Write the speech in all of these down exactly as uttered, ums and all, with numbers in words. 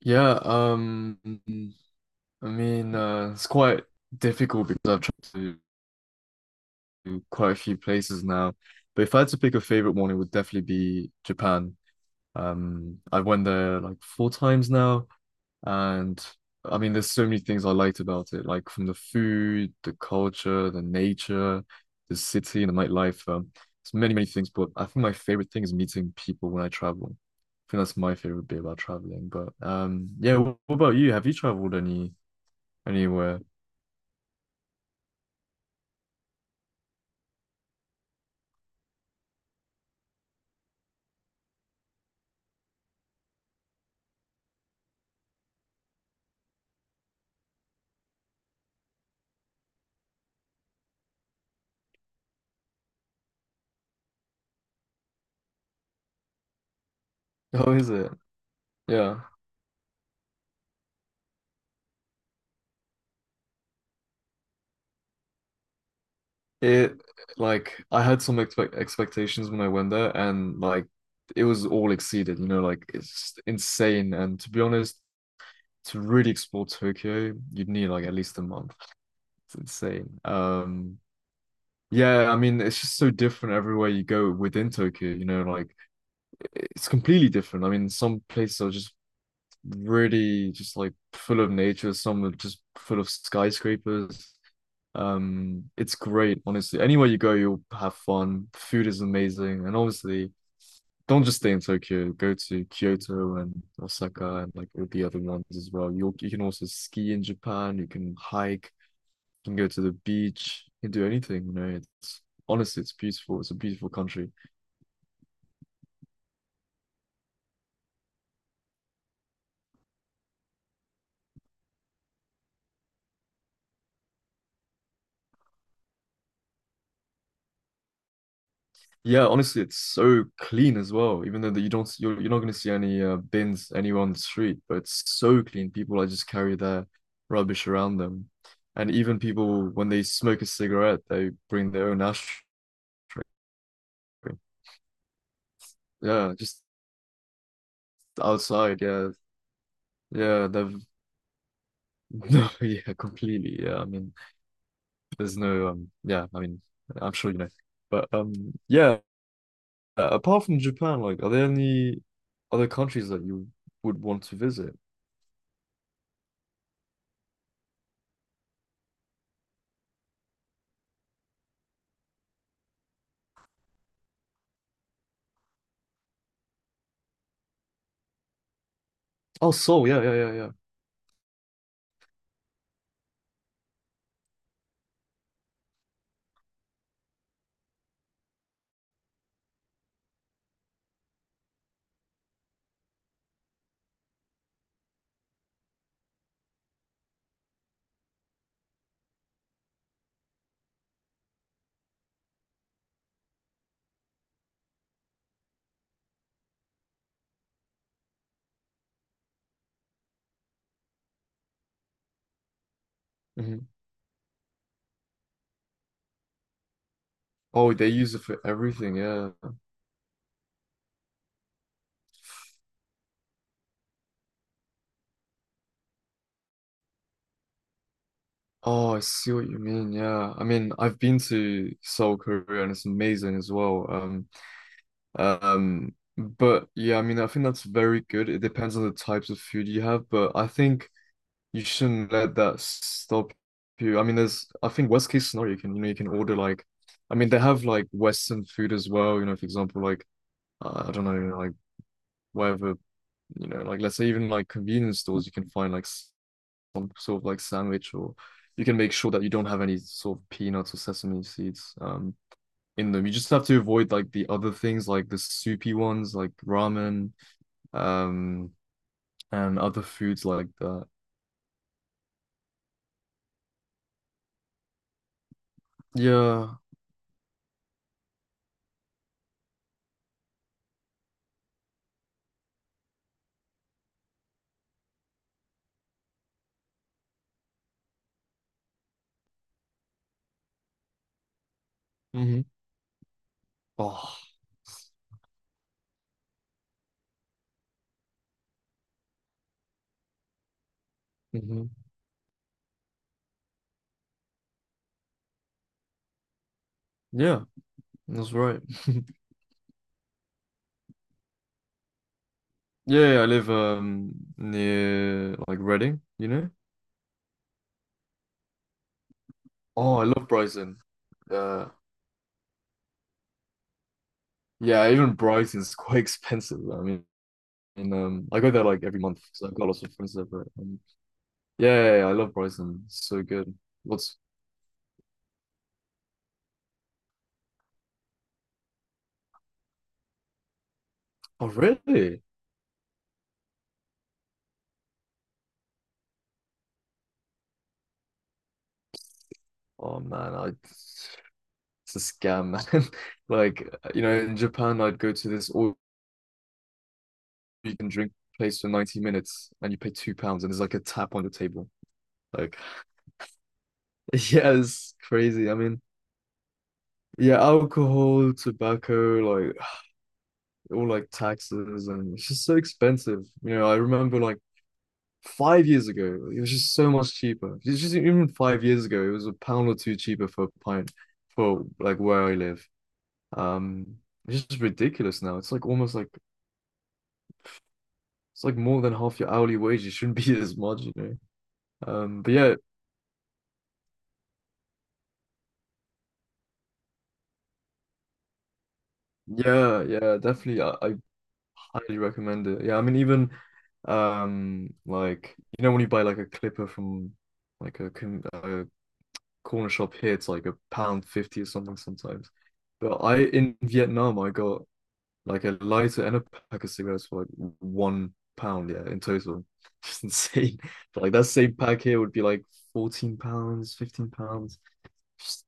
Yeah, um, I mean, uh, it's quite difficult because I've traveled to quite a few places now. But if I had to pick a favorite one, it would definitely be Japan. Um, I went there like four times now, and I mean, there's so many things I liked about it, like from the food, the culture, the nature, the city, and the nightlife. Um, it's many, many things. But I think my favorite thing is meeting people when I travel. I think that's my favorite bit about traveling. But um, yeah, wh- what about you? Have you traveled any, anywhere? Oh, is it? Yeah. It, like, I had some expect expectations when I went there, and like it was all exceeded. You know, like it's insane. And to be honest, to really explore Tokyo, you'd need like at least a month. It's insane. Um, yeah, I mean, it's just so different everywhere you go within Tokyo. You know, like it's completely different. I mean, some places are just really just like full of nature. Some are just full of skyscrapers. Um, it's great, honestly. Anywhere you go, you'll have fun. Food is amazing, and obviously, don't just stay in Tokyo. Go to Kyoto and Osaka and like all the other ones as well. You you can also ski in Japan. You can hike. You can go to the beach. You can do anything. You know, it's honestly, it's beautiful. It's a beautiful country. Yeah, honestly, it's so clean as well. Even though that you don't, s- you're, you're not going to see any uh, bins anywhere on the street, but it's so clean. People like just carry their rubbish around them, and even people when they smoke a cigarette, they bring their own ashtray. Yeah, just outside. Yeah, yeah, they've no, yeah, completely. Yeah, I mean, there's no um, yeah, I mean, I'm sure you know, but um, yeah. Apart from Japan, like, are there any other countries that you would want to visit? Oh, Soul. Yeah, yeah, yeah, yeah. Hmm. Oh, they use it for everything. Yeah. Oh, I see what you mean. Yeah. I mean, I've been to Seoul, Korea, and it's amazing as well. Um, um, but yeah, I mean, I think that's very good. It depends on the types of food you have, but I think you shouldn't let that stop you. I mean, there's, I think, worst case scenario, you can, you know, you can order like, I mean, they have like Western food as well. You know, for example, like, uh, I don't know, like whatever, you know, like let's say even like convenience stores, you can find like some sort of like sandwich, or you can make sure that you don't have any sort of peanuts or sesame seeds um, in them. You just have to avoid like the other things, like the soupy ones, like ramen, um, and other foods like that. Yeah. Hmm. Oh. Hmm. Yeah, that's right. Yeah, yeah, I live um near like Reading, you know? Oh, I love Brighton. Uh, yeah, even Brighton's quite expensive. I mean, and um, I go there like every month because I've got lots of friends there. But um, yeah, yeah, yeah, I love Brighton. It's so good. What's, oh really? Oh man, I it's a scam, man. Like, you know, in Japan, I'd go to this all you can drink place for ninety minutes, and you pay two pounds, and there's like a tap on your table. Like, yeah, it's crazy. I mean, yeah, alcohol, tobacco, like all like taxes, and it's just so expensive. You know, I remember like five years ago, it was just so much cheaper. It's just, even five years ago, it was a pound or two cheaper for a pint for like where I live. Um, it's just ridiculous now. It's like almost like it's like more than half your hourly wage. It shouldn't be this much, you know. Um, but yeah, yeah, yeah, definitely. I, I highly recommend it. Yeah, I mean, even um, like, you know, when you buy like a clipper from like a, con- a corner shop here, it's like a pound fifty or something sometimes. But I in Vietnam, I got like a lighter and a pack of cigarettes for like one pound, yeah, in total. Just insane. But like that same pack here would be like fourteen pounds, fifteen pounds. Just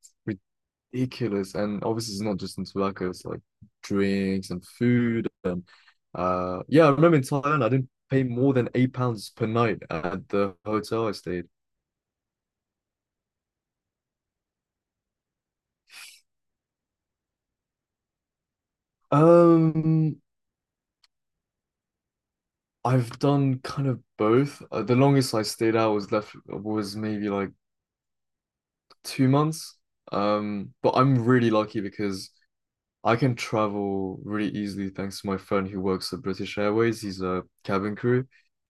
ridiculous. And obviously it's not just in tobacco, it's like drinks and food and uh yeah, I remember in Thailand I didn't pay more than eight pounds per night at the hotel I stayed. Um I've done kind of both. Uh, the longest I stayed out was left was maybe like two months. Um, but I'm really lucky because I can travel really easily thanks to my friend who works at British Airways. He's a cabin crew.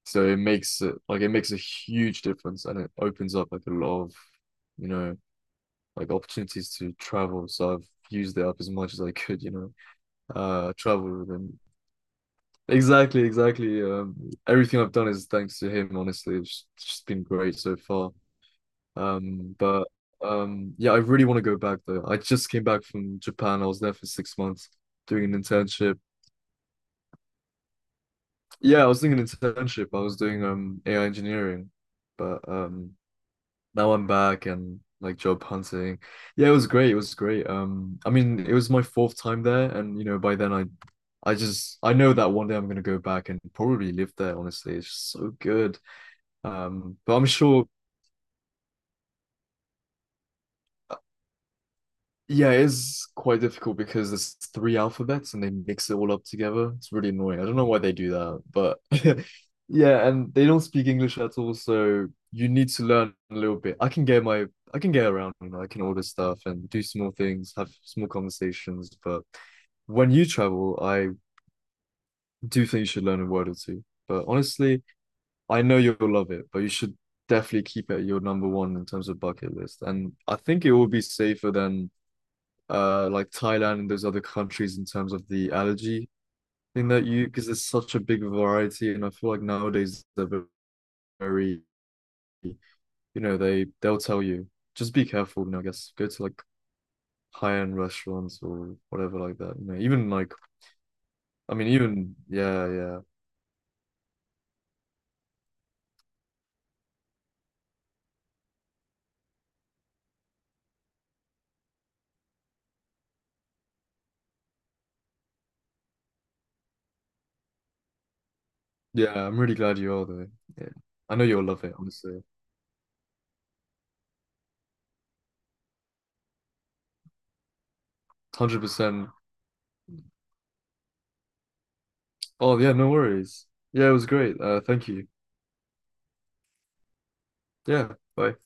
So it makes it, like, it makes a huge difference and it opens up like a lot of, you know, like opportunities to travel. So I've used it up as much as I could, you know, uh travel with him. Exactly, exactly. Um, everything I've done is thanks to him, honestly. It's just been great so far. Um, but um, yeah, I really want to go back though. I just came back from Japan. I was there for six months doing an internship. Yeah, I was doing an internship. I was doing um A I engineering, but um, now I'm back and like job hunting. Yeah, it was great. It was great. Um, I mean, it was my fourth time there, and you know, by then I, I just I know that one day I'm gonna go back and probably live there. Honestly, it's just so good. Um, but I'm sure. Yeah, it is quite difficult because there's three alphabets and they mix it all up together. It's really annoying. I don't know why they do that, but yeah, and they don't speak English at all, so you need to learn a little bit. I can get my I can get around, you know, I can order stuff and do small things, have small conversations, but when you travel, I do think you should learn a word or two. But honestly, I know you'll love it, but you should definitely keep it your number one in terms of bucket list. And I think it will be safer than uh like Thailand and those other countries in terms of the allergy thing that you, because there's such a big variety. And I feel like nowadays they're very, you know, they they'll tell you, just be careful, you know. I guess go to like high-end restaurants or whatever like that, you know. Even like, I mean, even, yeah, yeah, yeah. I'm really glad you are, though. Yeah, I know you'll love it, honestly. one hundred percent. Oh yeah, no worries. Yeah, it was great, uh thank you. Yeah. Bye.